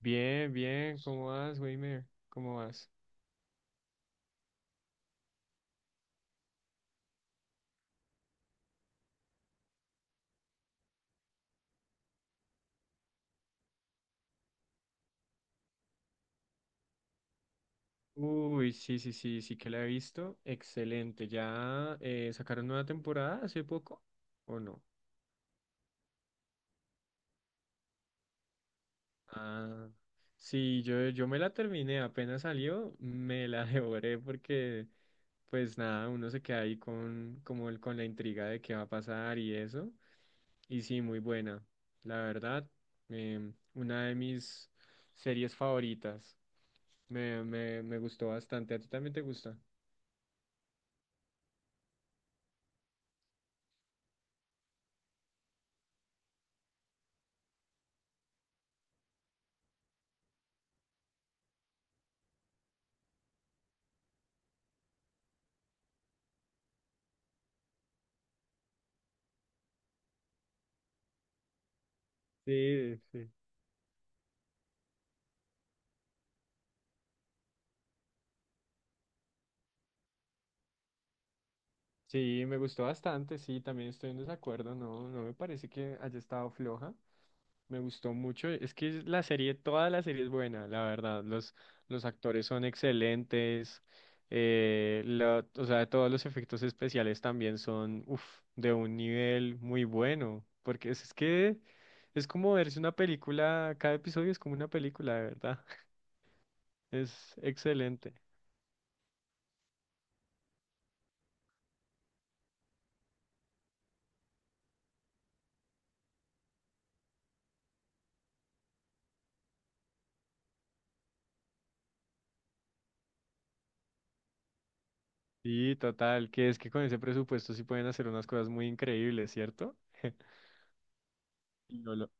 Bien, bien, ¿cómo vas, Weimer? ¿Cómo vas? Uy, sí, sí, sí, sí que la he visto. Excelente. ¿Ya sacaron nueva temporada hace poco o no? Ah, sí, yo me la terminé, apenas salió, me la devoré porque, pues nada, uno se queda ahí con, como el, con la intriga de qué va a pasar y eso. Y sí, muy buena, la verdad, una de mis series favoritas. Me gustó bastante. ¿A ti también te gusta? Sí, sí. Sí, me gustó bastante, sí, también estoy en desacuerdo, no, no me parece que haya estado floja, me gustó mucho, es que la serie, toda la serie es buena, la verdad, los actores son excelentes, o sea, todos los efectos especiales también son, uf, de un nivel muy bueno, porque es que es como verse una película, cada episodio es como una película, de verdad, es excelente. Sí, total, que es que con ese presupuesto sí pueden hacer unas cosas muy increíbles, ¿cierto? Y no lo-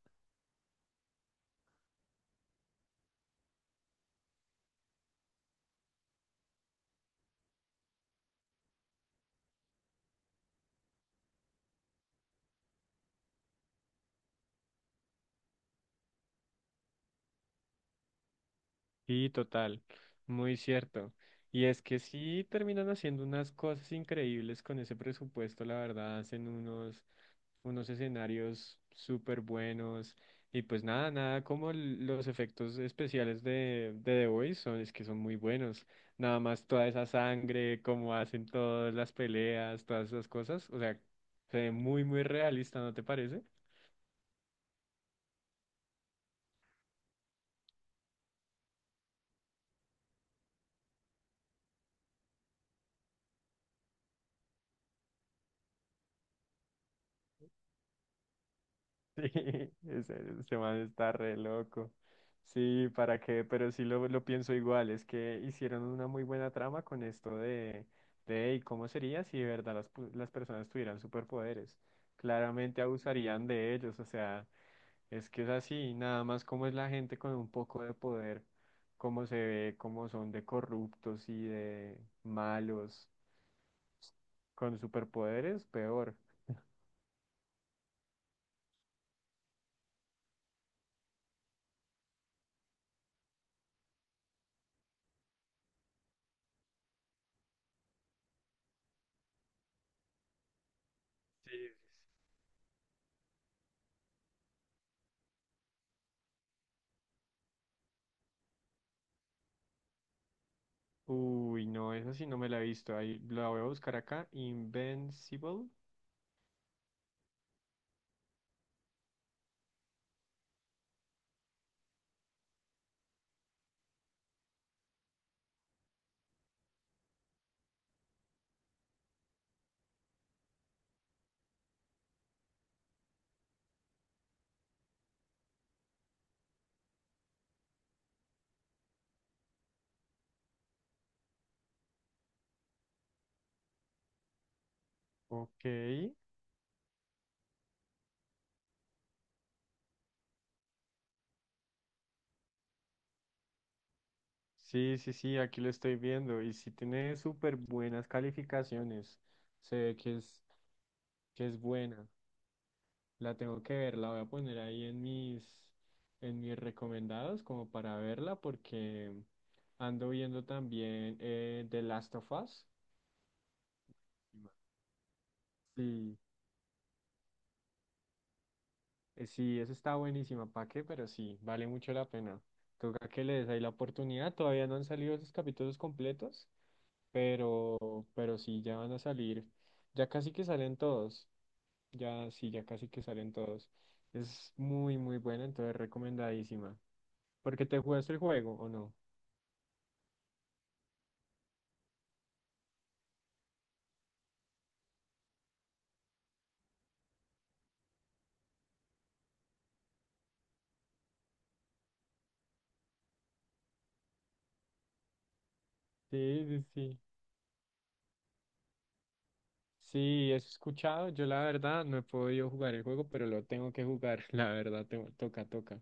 Sí, total, muy cierto. Y es que sí terminan haciendo unas cosas increíbles con ese presupuesto, la verdad, hacen unos, unos escenarios súper buenos. Y pues nada, nada como los efectos especiales de The Voice son, es que son muy buenos. Nada más toda esa sangre, cómo hacen todas las peleas, todas esas cosas. O sea, se ve muy, muy realista, ¿no te parece? Sí, ese man está re loco. Sí, ¿para qué? Pero sí lo pienso igual, es que hicieron una muy buena trama con esto de "Ey, ¿cómo sería si de verdad las, las personas tuvieran superpoderes? Claramente abusarían de ellos, o sea, es que es así, nada más como es la gente con un poco de poder, cómo se ve, cómo son de corruptos y de malos, con superpoderes, peor. Sí. Uy, no, esa sí no me la he visto. Ahí la voy a buscar acá. Invincible. Ok. Sí, sí, sí, aquí lo estoy viendo. Y sí tiene súper buenas calificaciones. Se ve que es buena. La tengo que ver, la voy a poner ahí en mis recomendados como para verla porque ando viendo también The Last of Us. Sí. Sí, eso está buenísima, ¿para qué? Pero sí, vale mucho la pena. Toca que le des ahí la oportunidad. Todavía no han salido esos capítulos completos, pero sí, ya van a salir. Ya casi que salen todos. Ya, sí, ya casi que salen todos. Es muy, muy buena, entonces recomendadísima. Porque te jugaste el juego, ¿o no? Sí, sí, sí. Sí, eso he escuchado. Yo la verdad no he podido jugar el juego, pero lo tengo que jugar. La verdad, toca, toca.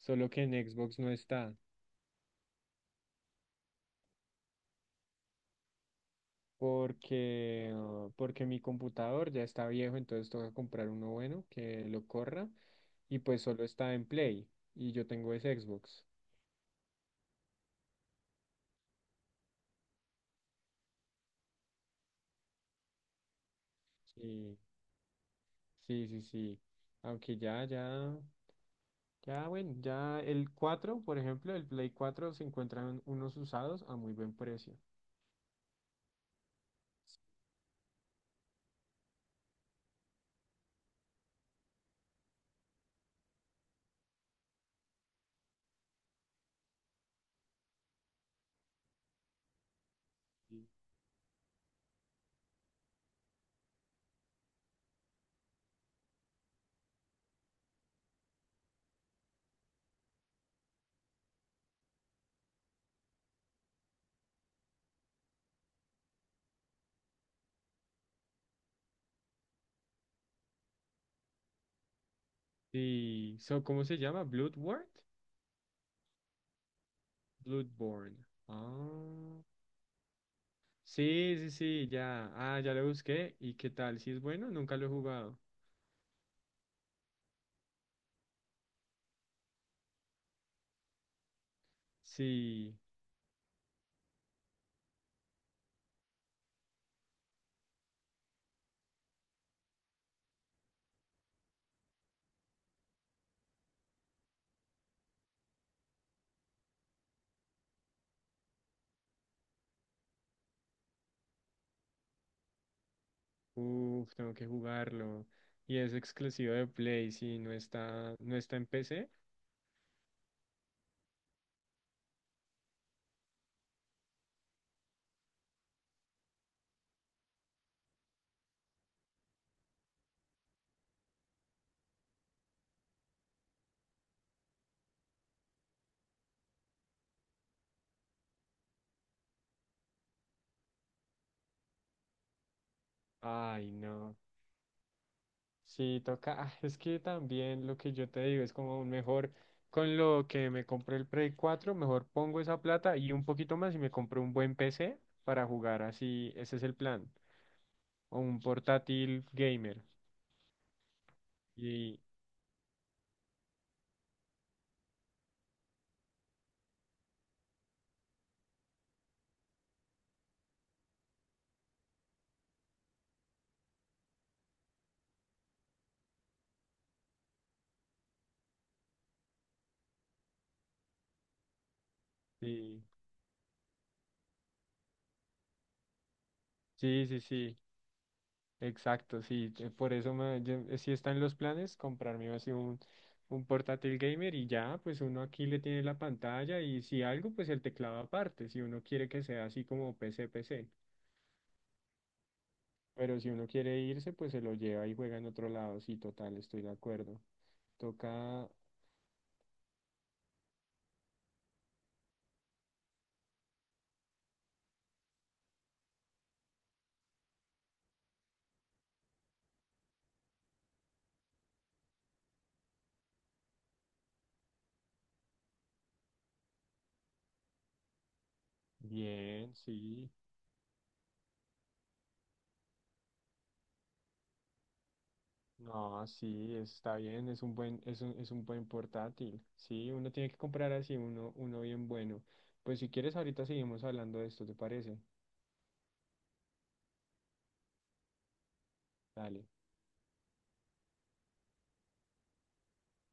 Solo que en Xbox no está. Porque, ah, porque mi computador ya está viejo, entonces toca comprar uno bueno que lo corra, y pues solo está en Play y yo tengo es Xbox. Sí, sí, sí, sí. Aunque ya, ya, ya, bueno, ya el 4 por ejemplo, el Play 4 se encuentran unos usados a muy buen precio. Sí, sí, so, ¿cómo se llama? ¿Bloodborne? Bloodborne. Ah, sí, sí, sí, ya. Ah, ya lo busqué. ¿Y qué tal? Si es bueno, nunca lo he jugado. Sí, uff, tengo que jugarlo. Y es exclusivo de Play, si no está, no está en PC. Ay, no. Sí, toca. Es que también lo que yo te digo es como un mejor, con lo que me compré el Play 4 mejor pongo esa plata y un poquito más y me compro un buen PC para jugar así. Ese es el plan. O un portátil gamer. Y sí, sí, sí, sí. Exacto, sí, por eso sí está en los planes comprarme así un portátil gamer y ya, pues uno aquí le tiene la pantalla y si algo, pues el teclado aparte, si uno quiere que sea así como PC, PC, pero si uno quiere irse, pues se lo lleva y juega en otro lado, sí, total, estoy de acuerdo. Toca bien, sí, no, sí, está bien, es un buen portátil, sí, uno tiene que comprar así uno, uno bien bueno. Pues si quieres, ahorita seguimos hablando de esto, ¿te parece? Dale.